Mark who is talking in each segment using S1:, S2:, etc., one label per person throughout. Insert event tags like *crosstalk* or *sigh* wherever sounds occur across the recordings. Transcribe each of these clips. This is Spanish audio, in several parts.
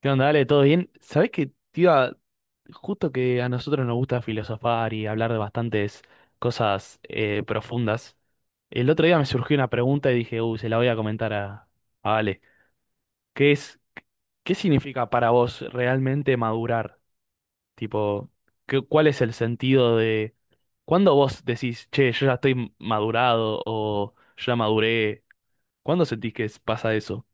S1: ¿Qué onda? Dale, ¿todo bien? ¿Sabés que, tío? Justo que a nosotros nos gusta filosofar y hablar de bastantes cosas profundas, el otro día me surgió una pregunta y dije, uy, se la voy a comentar a Ale. ¿Qué es, qué significa para vos realmente madurar? Tipo, ¿cuál es el sentido de... ¿Cuándo vos decís, che, yo ya estoy madurado o ya maduré? ¿Cuándo sentís que es- ¿Pasa eso?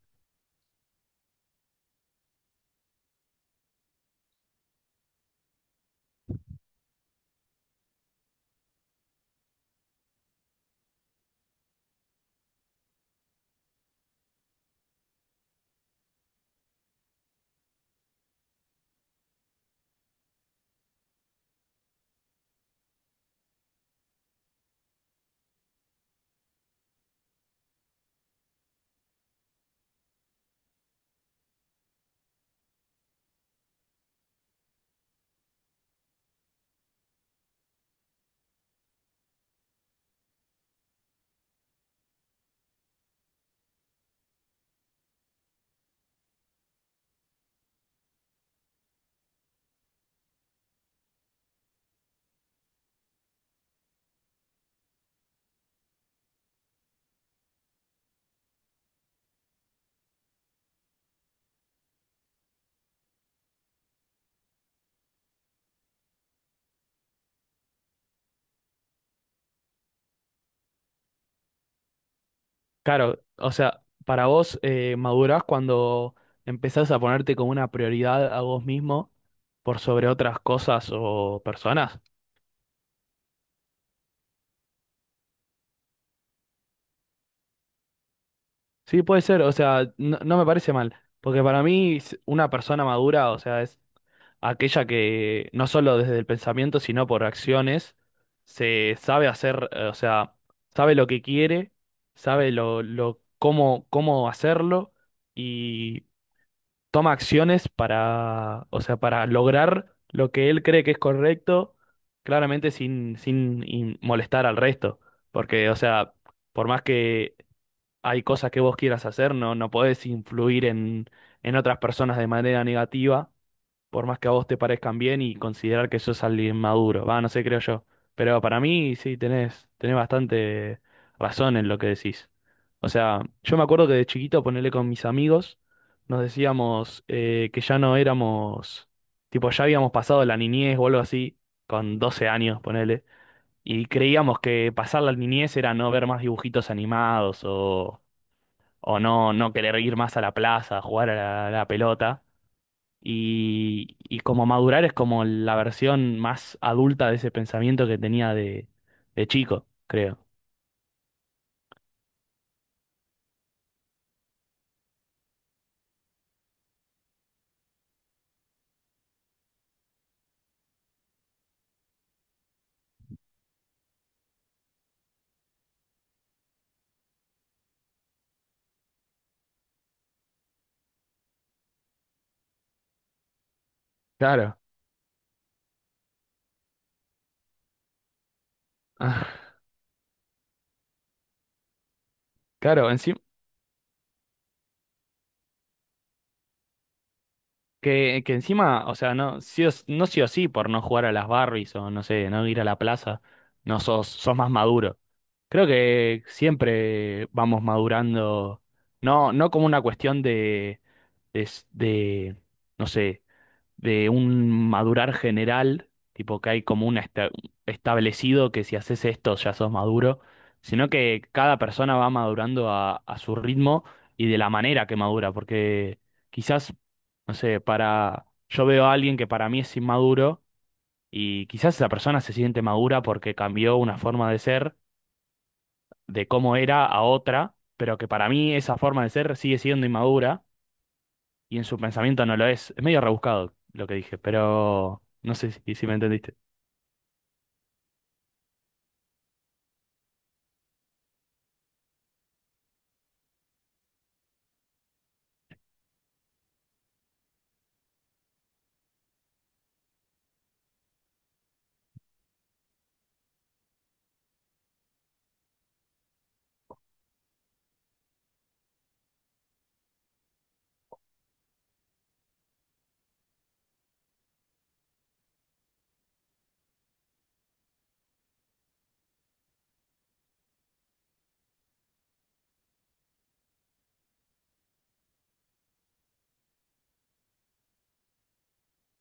S1: Claro, o sea, para vos madurás cuando empezás a ponerte como una prioridad a vos mismo por sobre otras cosas o personas. Sí, puede ser, o sea, no me parece mal, porque para mí una persona madura, o sea, es aquella que no solo desde el pensamiento, sino por acciones, se sabe hacer, o sea, sabe lo que quiere, sabe cómo hacerlo, toma acciones para, o sea, para lograr lo que él cree que es correcto, claramente sin in- molestar al resto. Porque, o sea, por más que hay cosas que vos quieras hacer, no podés influir en otras personas de manera negativa, por más que a vos te parezcan bien y considerar que sos alguien maduro. Va, no sé, creo yo. Pero para mí sí, tenés bastante razón en lo que decís. O sea, yo me acuerdo que de chiquito, ponerle con mis amigos, nos decíamos que ya no éramos, tipo, ya habíamos pasado la niñez o algo así, con 12 años, ponele. Y creíamos que pasar la niñez era no ver más dibujitos animados o no querer ir más a la plaza, a jugar a a la pelota. Y como madurar es como la versión más adulta de ese pensamiento que tenía de chico, creo. Claro. Ah, claro, encima, que encima, o sea, no sí, o, no sí o sí por no jugar a las Barbies o no sé, no ir a la plaza, no sos, sos más maduro. Creo que siempre vamos madurando, no como una cuestión de, s- de, no sé, de un madurar general, tipo que hay como un establecido que si haces esto ya sos maduro, sino que cada persona va madurando a su ritmo y de la manera que madura, porque quizás, no sé, para yo veo a alguien que para mí es inmaduro y quizás esa persona se siente madura porque cambió una forma de ser, de cómo era a otra, pero que para mí esa forma de ser sigue siendo inmadura y en su pensamiento no lo es. Es medio rebuscado lo que dije, pero no sé si me entendiste.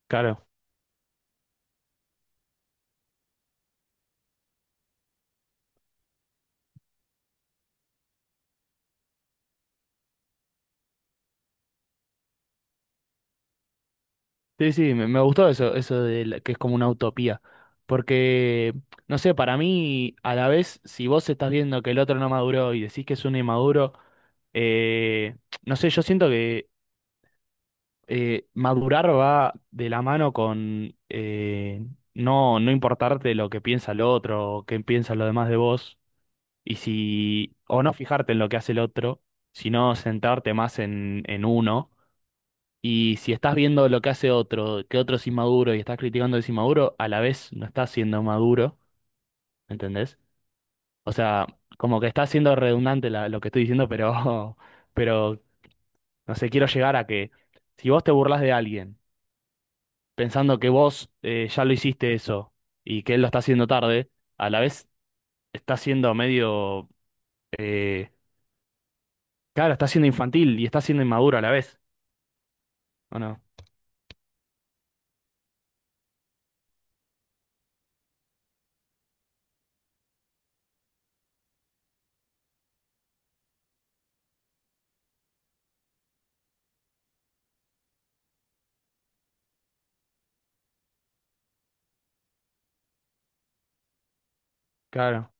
S1: Claro. Sí, sí, me gustó eso, que es como una utopía. Porque, no sé, para mí, a la vez, si vos estás viendo que el otro no maduró y decís que es un inmaduro, eh, no sé, yo siento que madurar va de la mano con no importarte lo que piensa el otro o qué piensa lo demás de vos. Y si, o no fijarte en lo que hace el otro, sino sentarte más en uno. Y si estás viendo lo que hace otro, que otro es inmaduro y estás criticando el inmaduro, a la vez no estás siendo maduro, ¿entendés? O sea, como que está siendo redundante lo que estoy diciendo, pero, *laughs* pero, no sé, quiero llegar a que si vos te burlas de alguien pensando que vos ya lo hiciste eso y que él lo está haciendo tarde, a la vez estás siendo medio, eh, claro, estás siendo infantil y estás siendo inmaduro a la vez. ¿O no? Claro,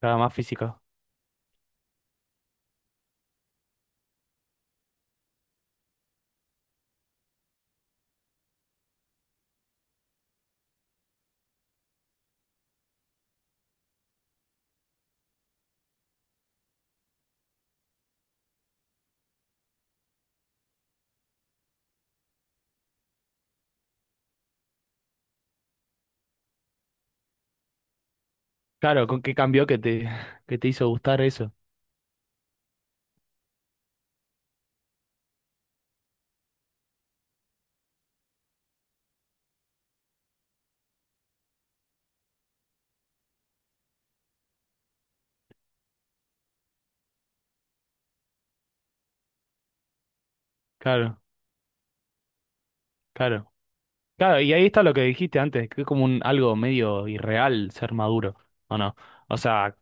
S1: claro, más físico. Claro, ¿con qué cambió que te, *laughs* que te hizo gustar eso? Claro, claro. Claro, y ahí está lo que dijiste antes, que es como un algo medio irreal ser maduro, ¿o no? O sea,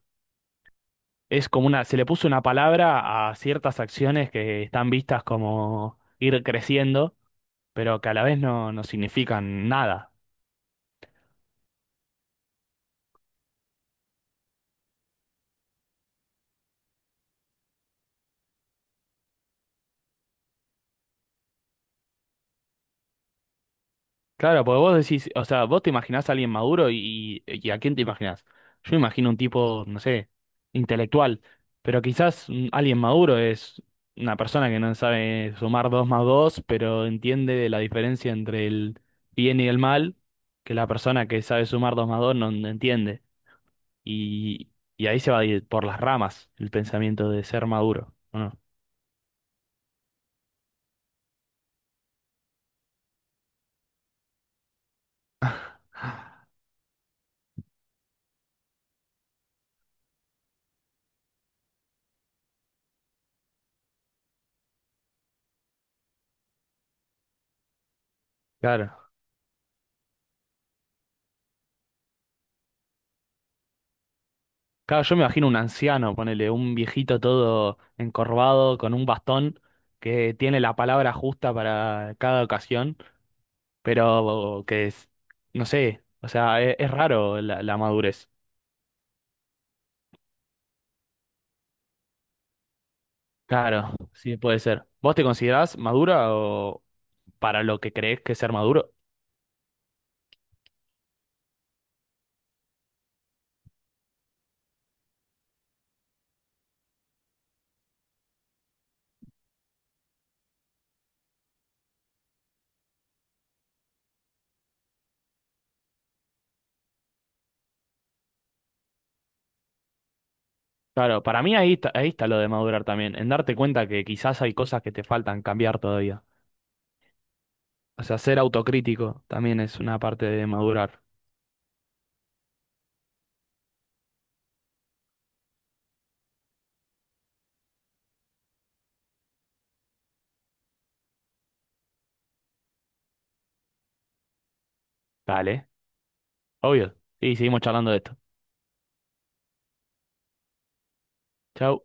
S1: es como una, se le puso una palabra a ciertas acciones que están vistas como ir creciendo, pero que a la vez no significan nada. Claro, porque vos decís, o sea, vos te imaginás a alguien maduro y a quién te imaginás. Yo me imagino un tipo, no sé, intelectual, pero quizás mm, alguien maduro es una persona que no sabe sumar 2 más 2, pero entiende la diferencia entre el bien y el mal, que la persona que sabe sumar 2 más 2 no entiende. Y, y ahí se va a ir por las ramas el pensamiento de ser maduro, ¿o no? Claro. Claro, yo me imagino un anciano, ponele, un viejito todo encorvado con un bastón que tiene la palabra justa para cada ocasión, pero que es, no sé, o sea, es raro la madurez. Claro, sí, puede ser. ¿Vos te considerás madura o para lo que crees que es ser maduro? Claro, para mí ahí está lo de madurar también, en darte cuenta que quizás hay cosas que te faltan cambiar todavía. O sea, ser autocrítico también es una parte de madurar. Dale, obvio. Y seguimos charlando de esto. Chau.